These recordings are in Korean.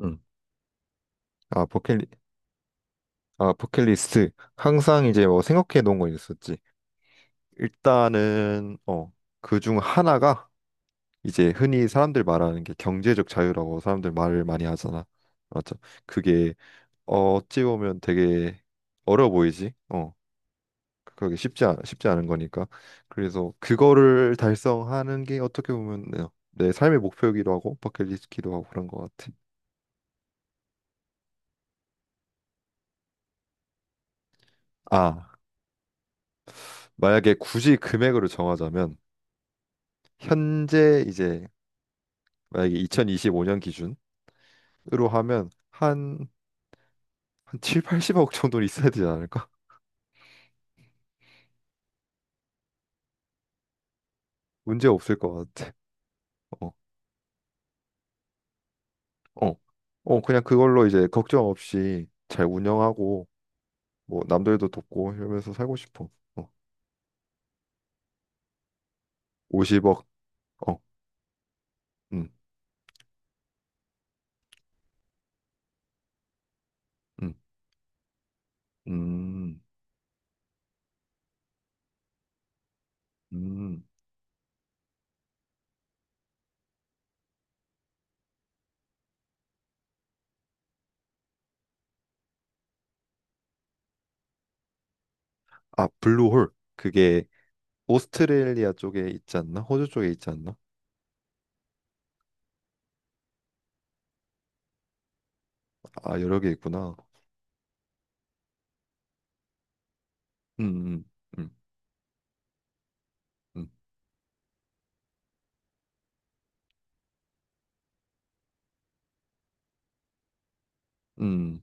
음. 아, 버킷리, 아, 버킷리스트. 항상 이제 뭐 생각해 놓은 거 있었지. 일단은, 어, 그 중 하나가 이제 흔히 사람들 말하는 게 경제적 자유라고 사람들 말을 많이 하잖아. 맞죠? 그게 어찌 보면 되게 어려 보이지? 어, 그게 쉽지 않은 거니까. 그래서 그거를 달성하는 게 어떻게 보면 내 삶의 목표이기도 하고 버킷리스트기도 하고 그런 것 같아. 아, 만약에 굳이 금액으로 정하자면 현재 이제 만약에 2025년 기준으로 하면 한 7, 80억 정도는 있어야 되지 않을까? 문제 없을 것 같아. 어, 어, 어, 그냥 그걸로 이제 걱정 없이 잘 운영하고 뭐 남들도 돕고 이러면서 살고 싶어. 어, 50억. 어, 음, 음, 음, 음. 아, 블루홀. 그게 오스트레일리아 쪽에 있지 않나? 호주 쪽에 있지 않나? 아, 여러 개 있구나. 음, 음, 음, 음, 음,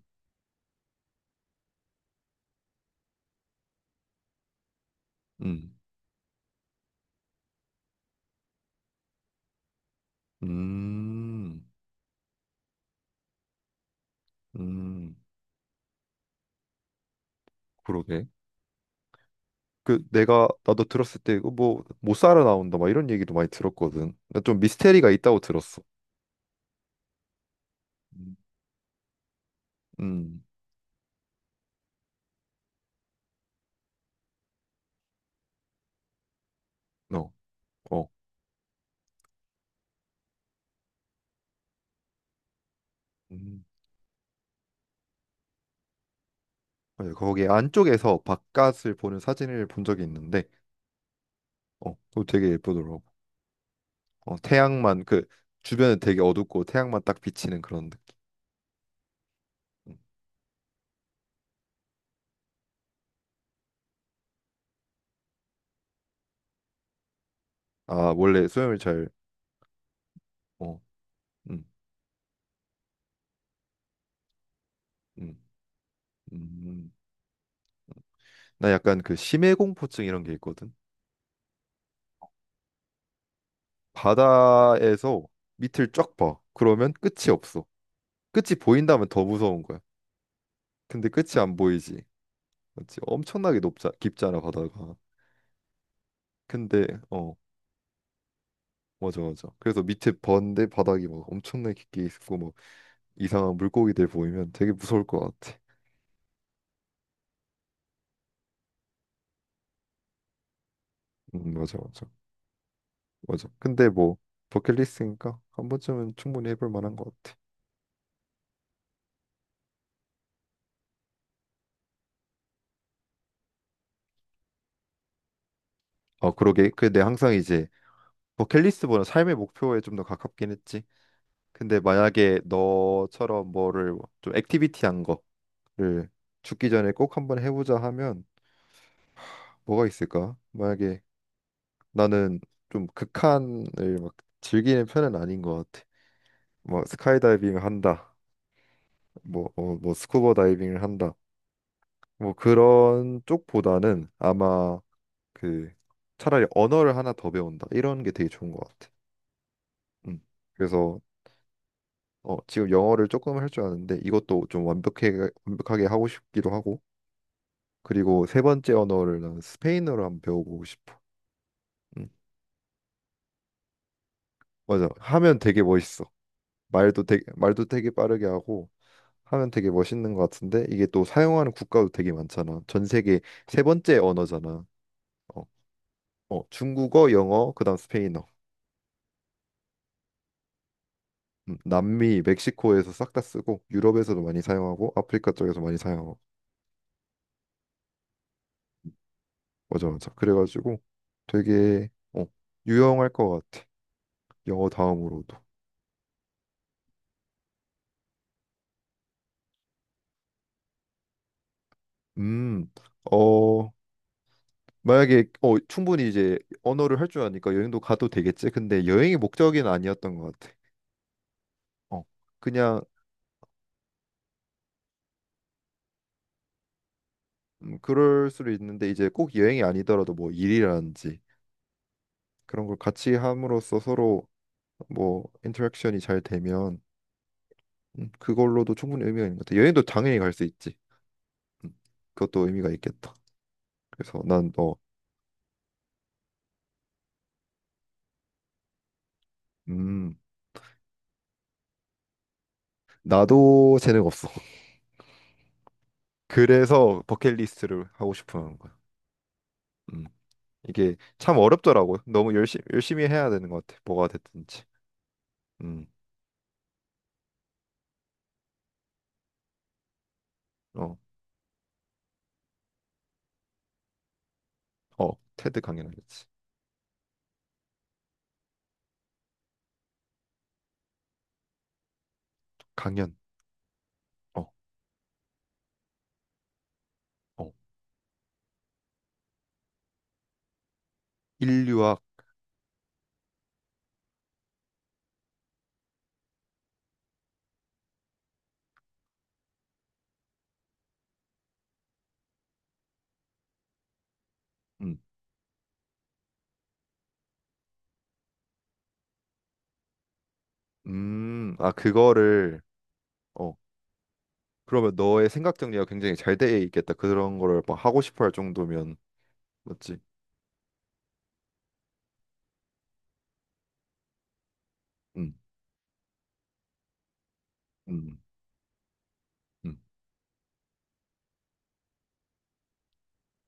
음, 음, 음. 그러게. 그 내가 나도 들었을 때 이거 뭐못 살아 나온다 막 이런 얘기도 많이 들었거든. 나좀 미스테리가 있다고 들었어. 음. 음, 어, 어. 음. 맞아. 거기 안쪽에서 바깥을 보는 사진을 본 적이 있는데, 어, 그거 되게 예쁘더라고. 어, 태양만 그 주변은 되게 어둡고 태양만 딱 비치는 그런 느낌. 음. 아, 원래 수영을 잘, 어, 음, 음, 음. 나 약간 그 심해 공포증 이런 게 있거든. 바다에서 밑을 쫙 봐. 그러면 끝이 없어. 끝이 보인다면 더 무서운 거야. 근데 끝이 안 보이지. 맞지? 엄청나게 높자, 깊잖아, 바다가. 근데, 어, 맞아, 맞아. 그래서 밑에 번데 바닥이 막 엄청나게 깊게 있고, 막 이상한 물고기들 보이면 되게 무서울 것 같아. 맞아, 맞아. 맞아. 근데 뭐, 버킷리스트니까 한 번쯤은 충분히 해볼 만한 것 같아. 어, 그러게. 근데 항상 이제 버킷리스트보다 삶의 목표에 좀 더 가깝긴 했지. 근데 만약에 너처럼 뭐를 좀 액티비티한 거를 죽기 전에 꼭 한번 해보자 하면 뭐가 있을까? 만약에 나는 좀 극한을 막 즐기는 편은 아닌 것 같아. 뭐 스카이다이빙을 한다, 뭐 스쿠버 다이빙을 한다, 뭐 그런 쪽보다는 아마 그 차라리 언어를 하나 더 배운다 이런 게 되게 좋은 것 같아. 음. 그래서 어, 지금 영어를 조금 할 줄 아는데 이것도 좀 완벽하게 완벽하게 하고 싶기도 하고 그리고 세 번째 언어를 나는 스페인어로 한번 배워보고 싶어. 음. 맞아. 하면 되게 멋있어. 말도 되게 빠르게 하고. 하면 되게 멋있는 것 같은데 이게 또 사용하는 국가도 되게 많잖아. 전 세계 세 번째 언어잖아. 어, 어, 중국어, 영어, 그다음 스페인어. 남미, 멕시코에서 싹 다 쓰고 유럽에서도 많이 사용하고 아프리카 쪽에서 많이 사용하고 맞아 맞아. 그래가지고 되게 어, 유용할 것 같아. 영어 다음으로도. 음, 어 만약에 어 충분히 이제 언어를 할 줄 아니까 여행도 가도 되겠지. 근데 여행이 목적은 아니었던 것 같아. 어, 그냥 그럴 수도 있는데 이제 꼭 여행이 아니더라도 뭐 일이라든지 그런 걸 같이 함으로써 서로 뭐 인터랙션이 잘 되면 그걸로도 충분히 의미가 있는 것 같아. 여행도 당연히 갈 수 있지. 음, 그것도 의미가 있겠다. 그래서 난 어, 음, 나도 재능 없어. 그래서 버킷리스트를 하고 싶어 하는 거야. 음, 이게 참 어렵더라고. 너무 열심히 열심히 해야 되는 것 같아. 뭐가 됐든지. 음, 어, 어, 테드 강연하겠지. 강연. 어, 어, 인류학. 음, 아, 그거를, 어, 그러면 너의 생각 정리가 굉장히 잘 돼 있겠다. 그런 거를 막 하고 싶어 할 정도면, 맞지? 음, 음, 음,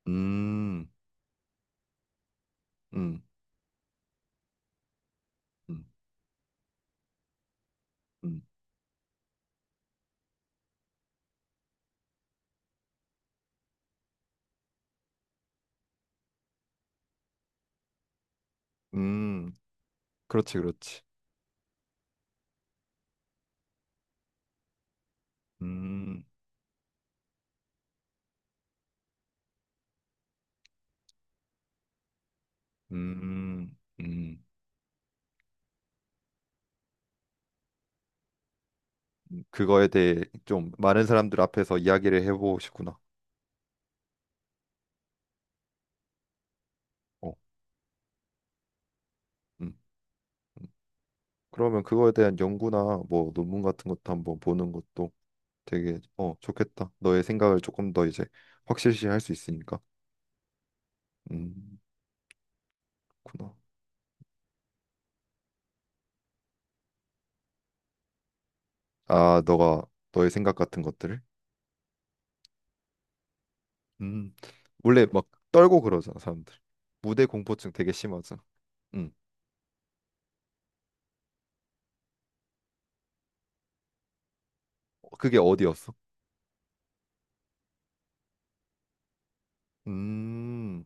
음, 음, 음, 음, 음, 그렇지, 그렇지. 음, 음, 음, 그거에 대해 좀 많은 사람들 앞에서 이야기를 해보고 싶구나. 어, 음, 음. 그러면 그거에 대한 연구나 뭐 논문 같은 것도 한번 보는 것도 되게, 어, 좋겠다. 너의 생각을 조금 더 이제 확실시 할 수 있으니까. 음. 구나. 아, 너가 너의 생각 같은 것들을? 음. 원래 막 떨고 그러잖아, 사람들. 무대 공포증 되게 심하잖아. 음. 그게 어디였어? 음.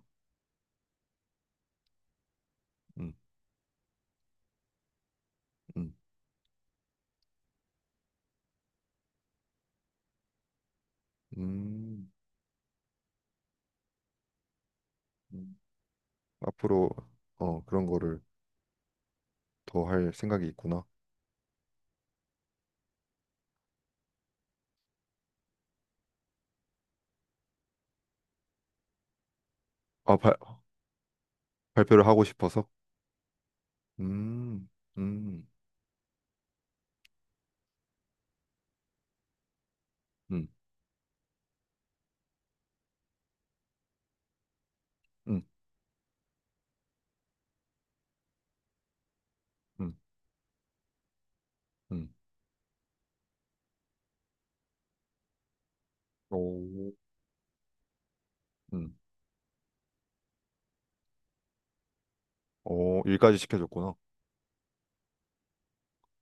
음. 음. 음. 음. 앞으로 어, 그런 거를 더 할 생각이 있구나. 아, 발표를 하고 싶어서. 음. 음. 음. 음. 음. 음. 오. 음. 오, 일까지 시켜줬구나.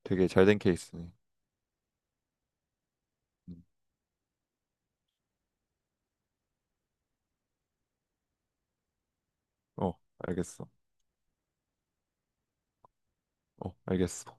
되게 잘된 케이스네. 음. 어, 알겠어. 어, 알겠어.